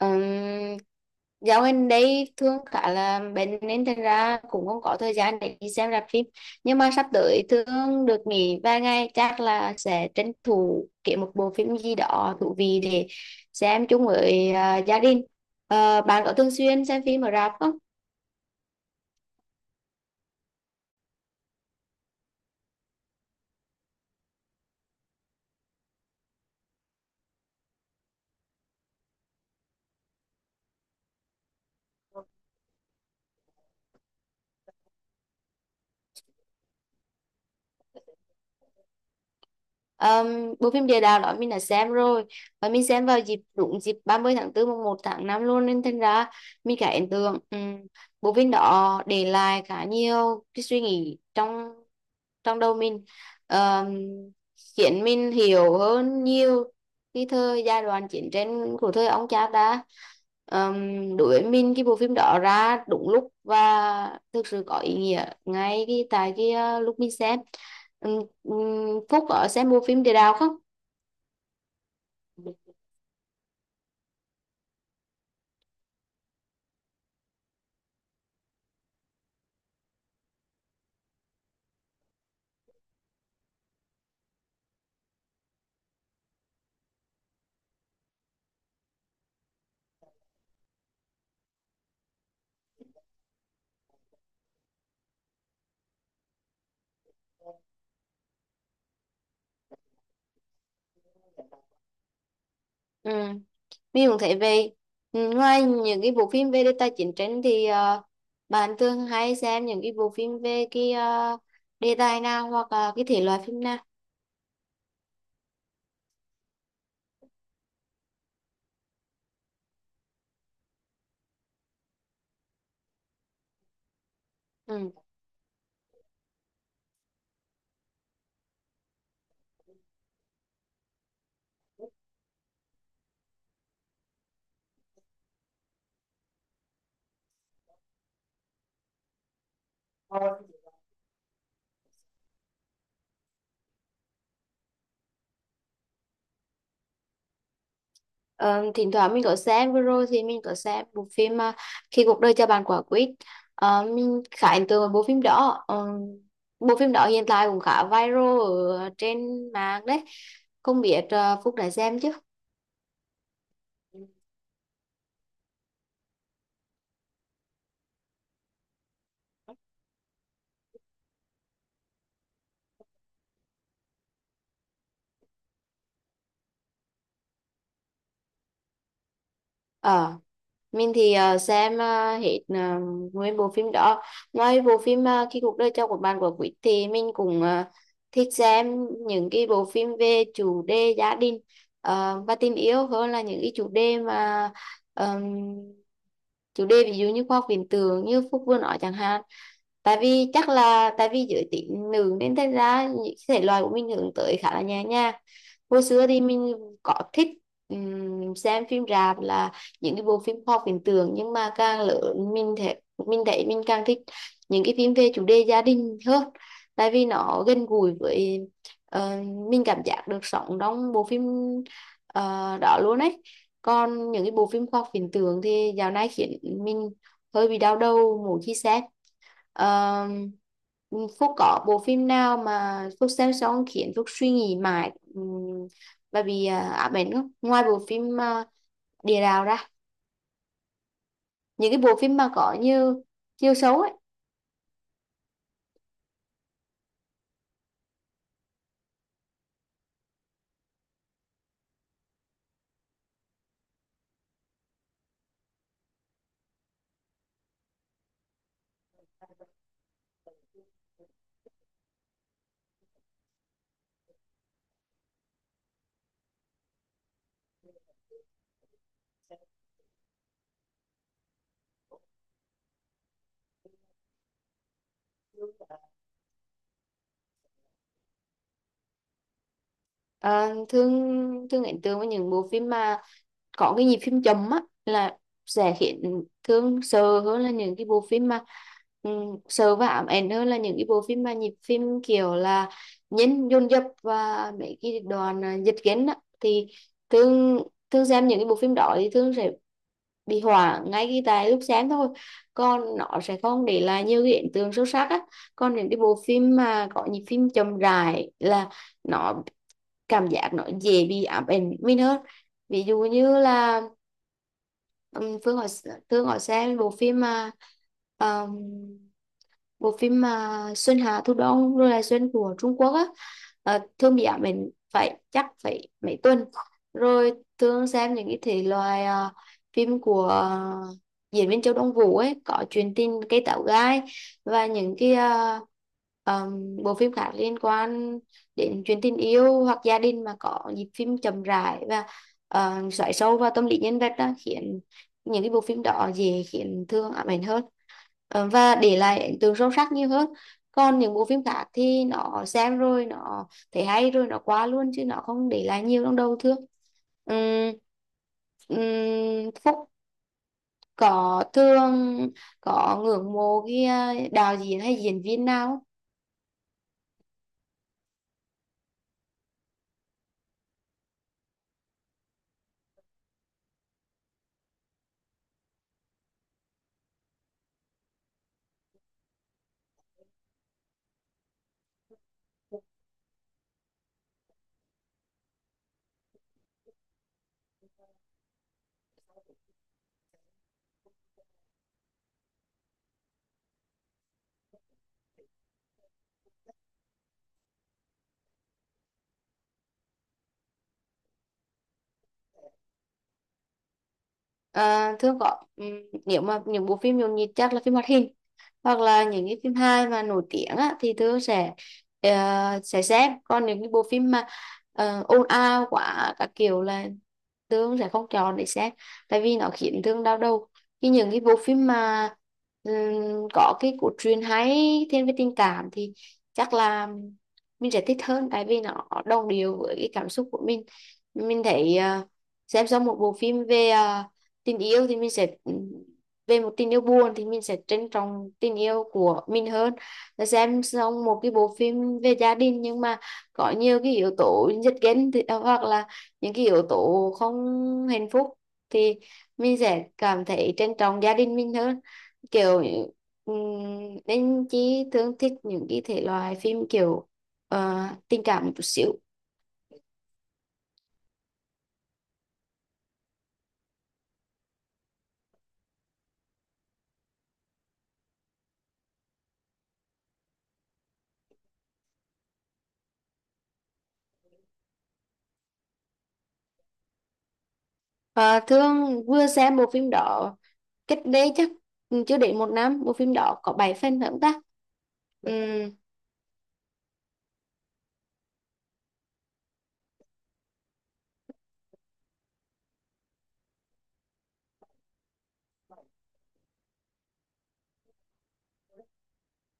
Ừm, dạo gần đây thương khá là bệnh nên thành ra cũng không có thời gian để đi xem rạp phim. Nhưng mà sắp tới thương được nghỉ vài ngày, chắc là sẽ tranh thủ kiếm một bộ phim gì đó thú vị để xem chung với gia đình. Bạn có thường xuyên xem phim ở rạp không? Bộ phim địa đạo đó mình đã xem rồi, và mình xem vào dịp đúng dịp 30 tháng tư mùng 1 tháng 5 luôn, nên thành ra mình khá ấn tượng. Bộ phim đó để lại khá nhiều cái suy nghĩ trong trong đầu mình. Ờm, Khiến mình hiểu hơn nhiều cái thời giai đoạn chiến tranh của thời ông cha ta. Đối với mình, cái bộ phim đó ra đúng lúc và thực sự có ý nghĩa ngay cái tại cái lúc mình xem. Ừ, ừ, Phúc ở sẽ mua phim Địa Đạo không? Ừ. Mình cũng thấy về ngoài những cái bộ phim về đề tài chiến tranh thì bạn thường hay xem những cái bộ phim về cái đề tài nào hoặc là cái thể loại phim nào? Ừ. Ờ, Thỉnh thoảng mình có xem, vừa rồi thì mình có xem bộ phim Khi cuộc đời cho bạn quả quýt. Mình khá ấn tượng với bộ phim đó. Ờ, Bộ phim đó hiện tại cũng khá viral ở trên mạng đấy, không biết Phúc đã xem chứ. Ờ, mình thì xem hết ờ, nguyên bộ phim đó. Ngoài bộ phim khi cuộc đời cho của bạn của Quýt thì mình cũng thích xem những cái bộ phim về chủ đề gia đình và tình yêu, hơn là những cái chủ đề mà ờm, chủ đề ví dụ như khoa học viễn tưởng như Phúc vừa nói chẳng hạn. Tại vì chắc là tại vì giới tính nữ nên thành ra những thể loại của mình hướng tới khá là nhẹ nhàng. Hồi xưa thì mình có thích xem phim rạp là những cái bộ phim khoa học viễn tưởng, nhưng mà càng lớn mình thấy mình càng thích những cái phim về chủ đề gia đình hơn, tại vì nó gần gũi với ờ, mình, cảm giác được sống trong bộ phim đó luôn ấy. Còn những cái bộ phim khoa học viễn tưởng thì dạo này khiến mình hơi bị đau đầu mỗi khi xem. Ờ, Phúc có bộ phim nào mà Phúc xem xong khiến Phúc suy nghĩ mãi và bị ám ảnh không? Ngoài bộ phim Địa Đạo ra, những cái bộ phim mà có nhiều chiều xấu ấy. Ờ, thương thương ấn tượng với những bộ phim mà có cái nhịp phim chậm á, là sẽ khiến thương sợ hơn là những cái bộ phim mà sợ và ám ảnh hơn là những cái bộ phim mà nhịp phim kiểu là nhấn dồn dập và mấy cái đoạn giật gân á. Thì thương thương xem những cái bộ phim đó thì thương sẽ bị hỏa ngay khi tại lúc sáng thôi, còn nó sẽ không để lại nhiều cái ấn tượng sâu sắc á. Còn những cái bộ phim mà có nhịp phim chậm rãi là nó cảm giác nó dễ bị ám ảnh mình hơn. Ví dụ như là Phương hỏi Phương hỏi xem um, bộ phim mà Xuân Hà, Thu Đông rồi là Xuân của Trung Quốc á, Thương bị ám ảnh phải chắc phải mấy tuần rồi. Thương xem những cái thể loại phim của diễn viên Châu Đông Vũ ấy, có Chuyện tình cây táo gai và những cái bộ phim khác liên quan đến chuyện tình yêu hoặc gia đình mà có nhịp phim chậm rãi và xoáy sâu vào tâm lý nhân vật đó, khiến những cái bộ phim đó dễ khiến Thương ám ảnh hơn. Và để lại ấn tượng sâu sắc nhiều hơn. Còn những bộ phim khác thì nó xem rồi nó thấy hay rồi nó qua luôn, chứ nó không để lại nhiều trong đầu thương. Ừm, Phúc có thương có ngưỡng mộ cái đạo diễn hay diễn viên nào không? À, thường có. Nếu mà những bộ phim nhộn nhịp chắc là phim hoạt hình hoặc là những cái phim hài mà nổi tiếng á, thì thường sẽ ờ, sẽ xem. Còn những cái bộ phim mà ồn ào quá các kiểu là thương sẽ không chọn để xem, tại vì nó khiến thương đau đầu. Khi những cái bộ phim mà ừm, có cái cốt truyện hay thiên về tình cảm thì chắc là mình sẽ thích hơn, tại vì nó đồng điệu với cái cảm xúc của mình. Mình thấy xem xong một bộ phim về tình yêu thì mình sẽ về một tình yêu buồn thì mình sẽ trân trọng tình yêu của mình hơn, là xem xong một cái bộ phim về gia đình nhưng mà có nhiều cái yếu tố giật gân thì, hoặc là những cái yếu tố không hạnh phúc thì mình sẽ cảm thấy trân trọng gia đình mình hơn, kiểu ừm, nên chỉ thường thích những cái thể loại phim kiểu ờ, tình cảm một chút xíu. Ờ, thưa vừa xem bộ phim đó cách đây chắc chưa đến một năm, bộ phim đó có 7 phần phải không ta? Ừ,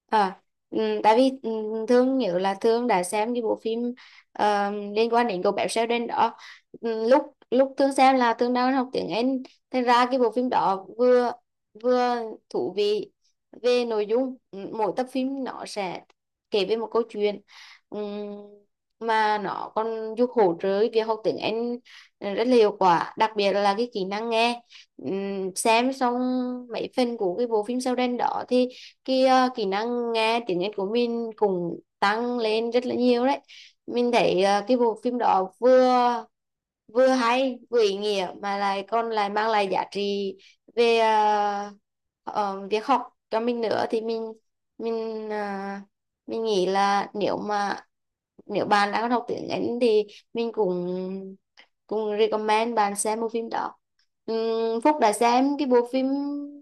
À, tại vì Thương nhớ là Thương đã xem cái bộ phim liên quan đến cậu bé Sheldon đó. Ừ, lúc lúc Thương xem là Thương đang học tiếng Anh, thành ra cái bộ phim đó vừa vừa thú vị về nội dung. Ừ, mỗi tập phim nó sẽ kể về một câu chuyện. Ừm, mà nó còn giúp hỗ trợ việc học tiếng Anh rất là hiệu quả, đặc biệt là cái kỹ năng nghe. Xem xong mấy phần của cái bộ phim Sheldon đó thì cái kỹ năng nghe tiếng Anh của mình cũng tăng lên rất là nhiều đấy. Mình thấy cái bộ phim đó vừa vừa hay vừa ý nghĩa mà lại còn mang lại giá trị về việc học cho mình nữa, thì mình ờ, mình nghĩ là nếu mà nếu bạn đang học tiếng Anh thì mình cũng cũng recommend bạn xem bộ phim đó. Phúc đã xem cái bộ phim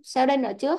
sau đây nữa chưa?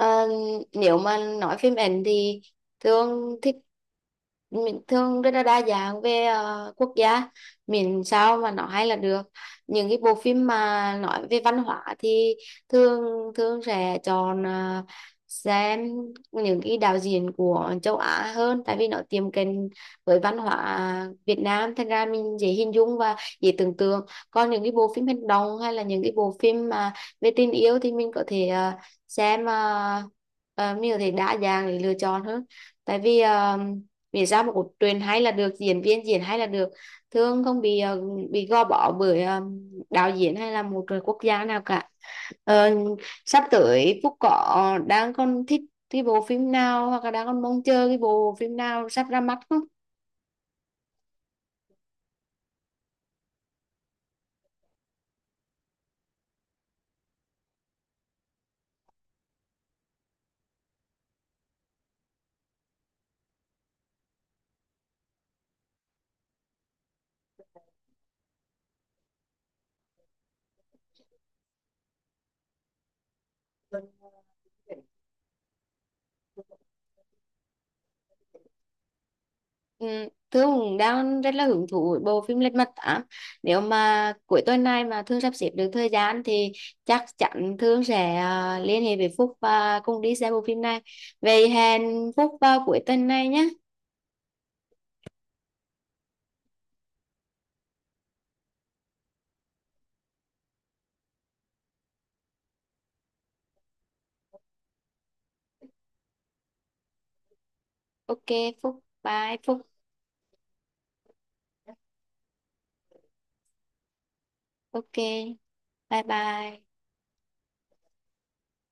Ờ, Nếu mà nói phim ảnh thì thường thích, mình thường rất là đa dạng về quốc gia, miễn sao mà nó hay là được. Những cái bộ phim mà nói về văn hóa thì thường thường sẽ chọn xem những cái đạo diễn của châu Á hơn, tại vì nó tiệm cận với văn hóa Việt Nam, thành ra mình dễ hình dung và dễ tưởng tượng. Còn những cái bộ phim hành động hay là những cái bộ phim mà về tình yêu thì mình có thể xem ờ, mình có thể đa dạng để lựa chọn hơn. Tại vì vì sao một cốt truyện hay là được, diễn viên diễn hay là được, thường không bị bị gò bó bởi đạo diễn hay là một quốc gia nào cả. Ờ, Sắp tới Phúc có đang còn thích cái bộ phim nào hoặc là đang còn mong chờ cái bộ phim nào sắp ra mắt không? Ừ, Thương cũng đang rất là hứng thú với bộ phim Lật Mặt 8. Nếu mà cuối tuần này mà Thương sắp xếp được thời gian thì chắc chắn Thương sẽ liên hệ với Phúc và cùng đi xem bộ phim này. Vậy hẹn Phúc vào cuối tuần này nhé. Ok, Phúc, bye Phúc. Ok, bye bye.